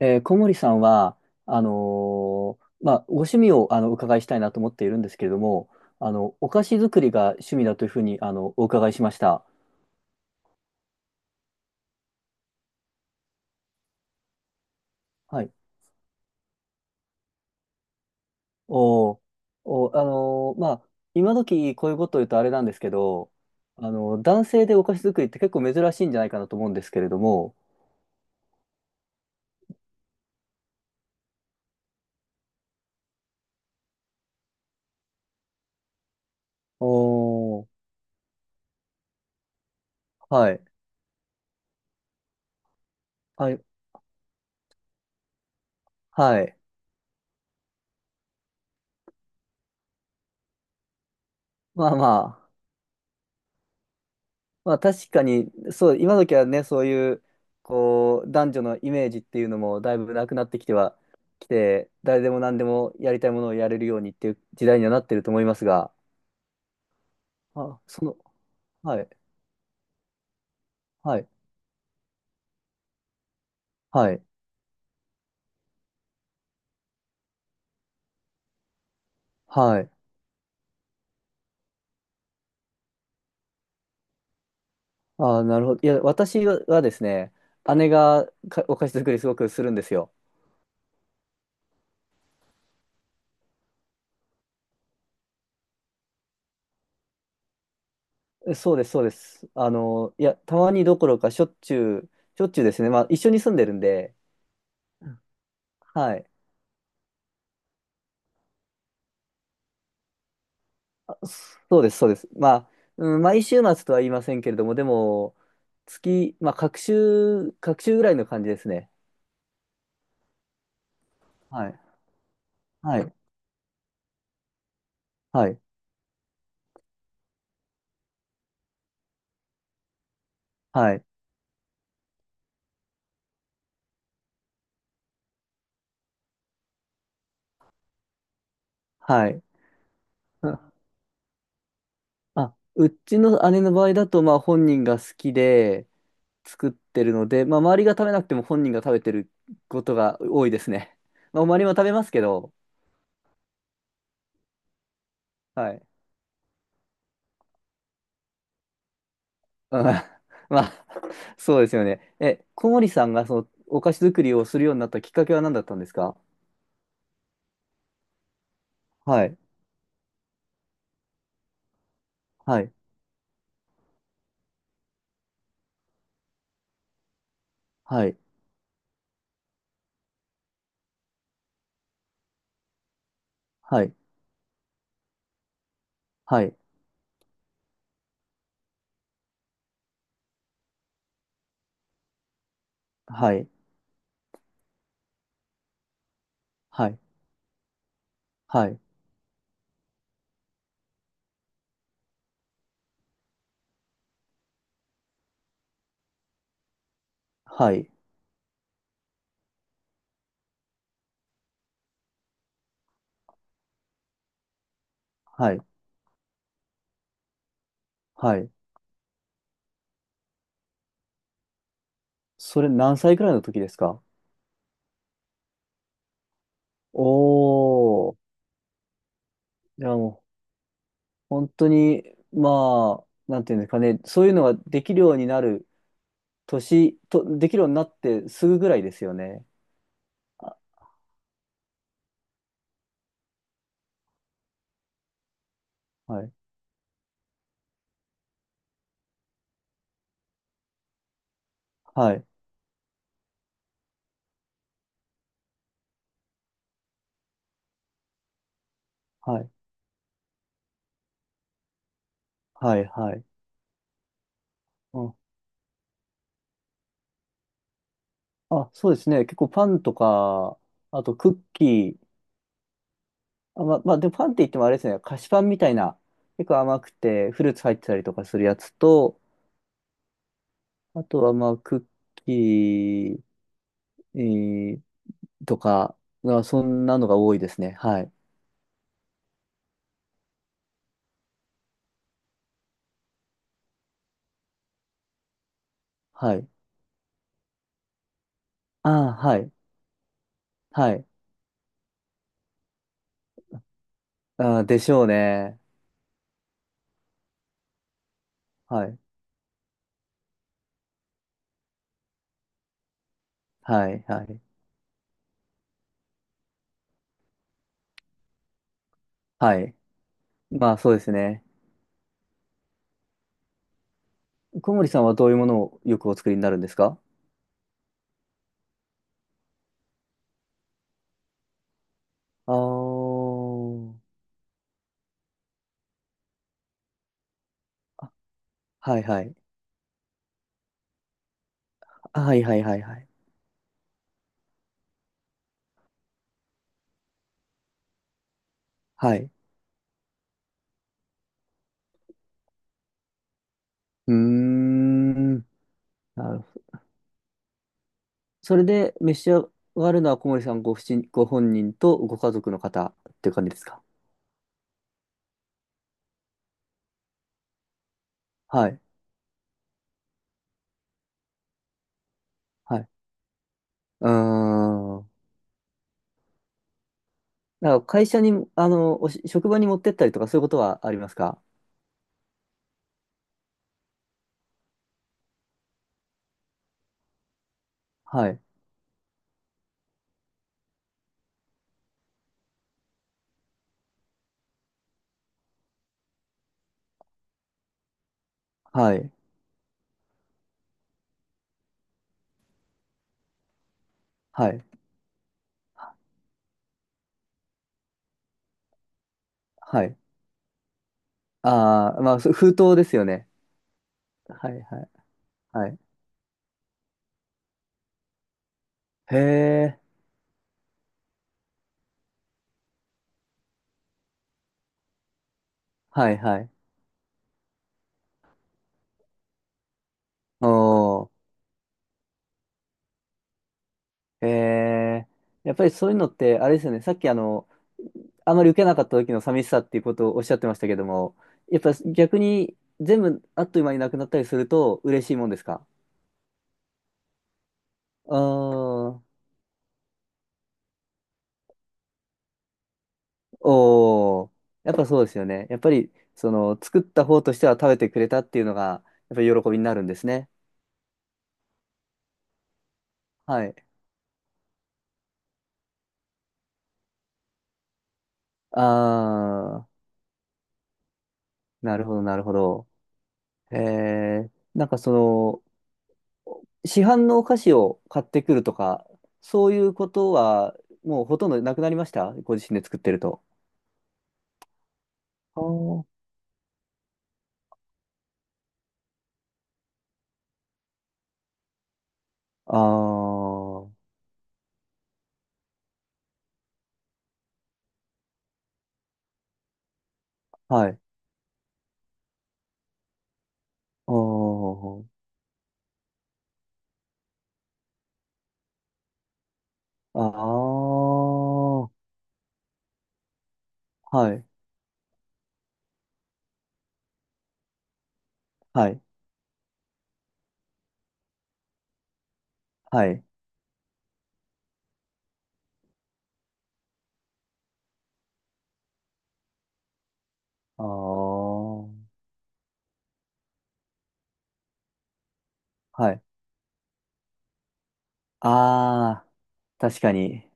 小森さんは、あのまあ、ご趣味をお伺いしたいなと思っているんですけれども、お菓子作りが趣味だというふうに、お伺いしました。はい。おー。おー、まあ、今時こういうことを言うとあれなんですけど、男性でお菓子作りって結構珍しいんじゃないかなと思うんですけれども。おー。はい。はい。はい。まあままあ確かに、そう、今時はね、そういう、こう、男女のイメージっていうのもだいぶなくなってきては、きて、誰でも何でもやりたいものをやれるようにっていう時代にはなってると思いますが、あ、はい、はい、はい、はい。あ、なるほど。いや、私はですね、姉がお菓子作りすごくするんですよ。そうです、そうです。いや、たまにどころかしょっちゅう、しょっちゅうですね。まあ一緒に住んでるんで。はい。そうです、そうです。まあ、うん、毎週末とは言いませんけれども、でも、まあ、隔週ぐらいの感じですね。はい。はい。はい。はい。はい。あ、うちの姉の場合だと、まあ、本人が好きで作ってるので、まあ、周りが食べなくても本人が食べてることが多いですね。まあ、周りも食べますけど。はい。うん。 まあ、そうですよね。小森さんがそのお菓子作りをするようになったきっかけは何だったんですか？はい。はい。はい、はい、はい、はい、はい、はい、はい、はい、はい。それ何歳くらいの時ですか？おー。いやもう本当に、まあ、なんていうんですかね、そういうのができるようになる年と、できるようになってすぐぐらいですよね。はい、はい、はい、はい、はい。うんあ、そうですね、結構パンとか、あとクッキー、あ、まあ、でもパンって言ってもあれですね、菓子パンみたいな、結構甘くてフルーツ入ってたりとかするやつと、あとは、まあ、クッキー、えーとか、そんなのが多いですね。はい。はい。ああ、はい。はい。ああ、でしょうね。はい。はい。はい。はい。まあ、そうですね。小森さんはどういうものをよくお作りになるんですか？ああー。はいはい。はいはいはいはい。はい。うーん。なるほど。それで召し上がるのは小森さんご本人とご家族の方っていう感じですか？はい。はいうーん。なんか会社に、職場に持ってったりとかそういうことはありますか？はい。はい。はい。はい。ああ、まあ、そう封筒ですよね。はい、はい、はい。へえ、はい、はい。おー、へえ。やっぱりそういうのって、あれですよね。さっき、あまり受けなかった時の寂しさっていうことをおっしゃってましたけども、やっぱ逆に全部あっという間になくなったりすると嬉しいもんですか？ああー。おお。やっぱそうですよね。やっぱり、その、作った方としては食べてくれたっていうのが、やっぱり喜びになるんですね。はい。ああ、なるほど、なるほど。ええ、なんかその、市販のお菓子を買ってくるとか、そういうことは、もうほとんどなくなりました？ご自身で作ってると。あー、あー、はい。おー、あー、はい、はい、はい。あー、はい。ああ、確かに。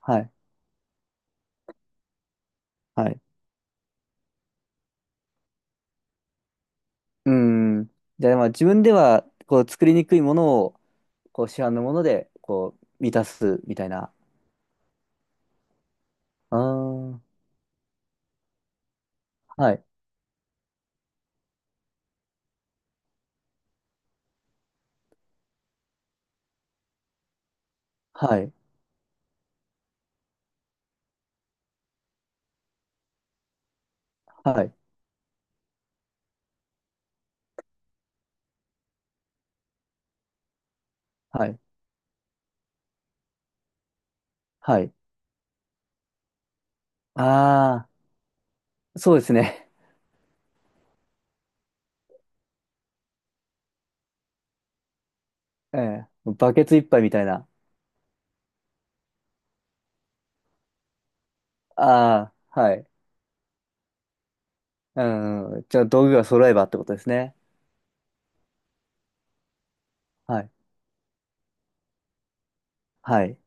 はい。はい。うん。じゃあ、まあ自分では、こう、作りにくいものを、こう、市販のもので、こう、満たす、みたいな。ああ、はい。はい。はい。はい。はい。ああ、そうですね。ええ。バケツ一杯みたいな。ああ、はい。うん。じゃあ、道具が揃えばってことですね。はい。はい。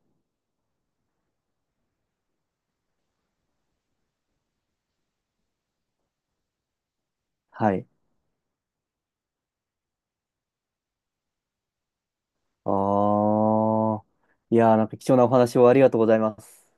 はい。ああ。いやー、なんか貴重なお話をありがとうございます。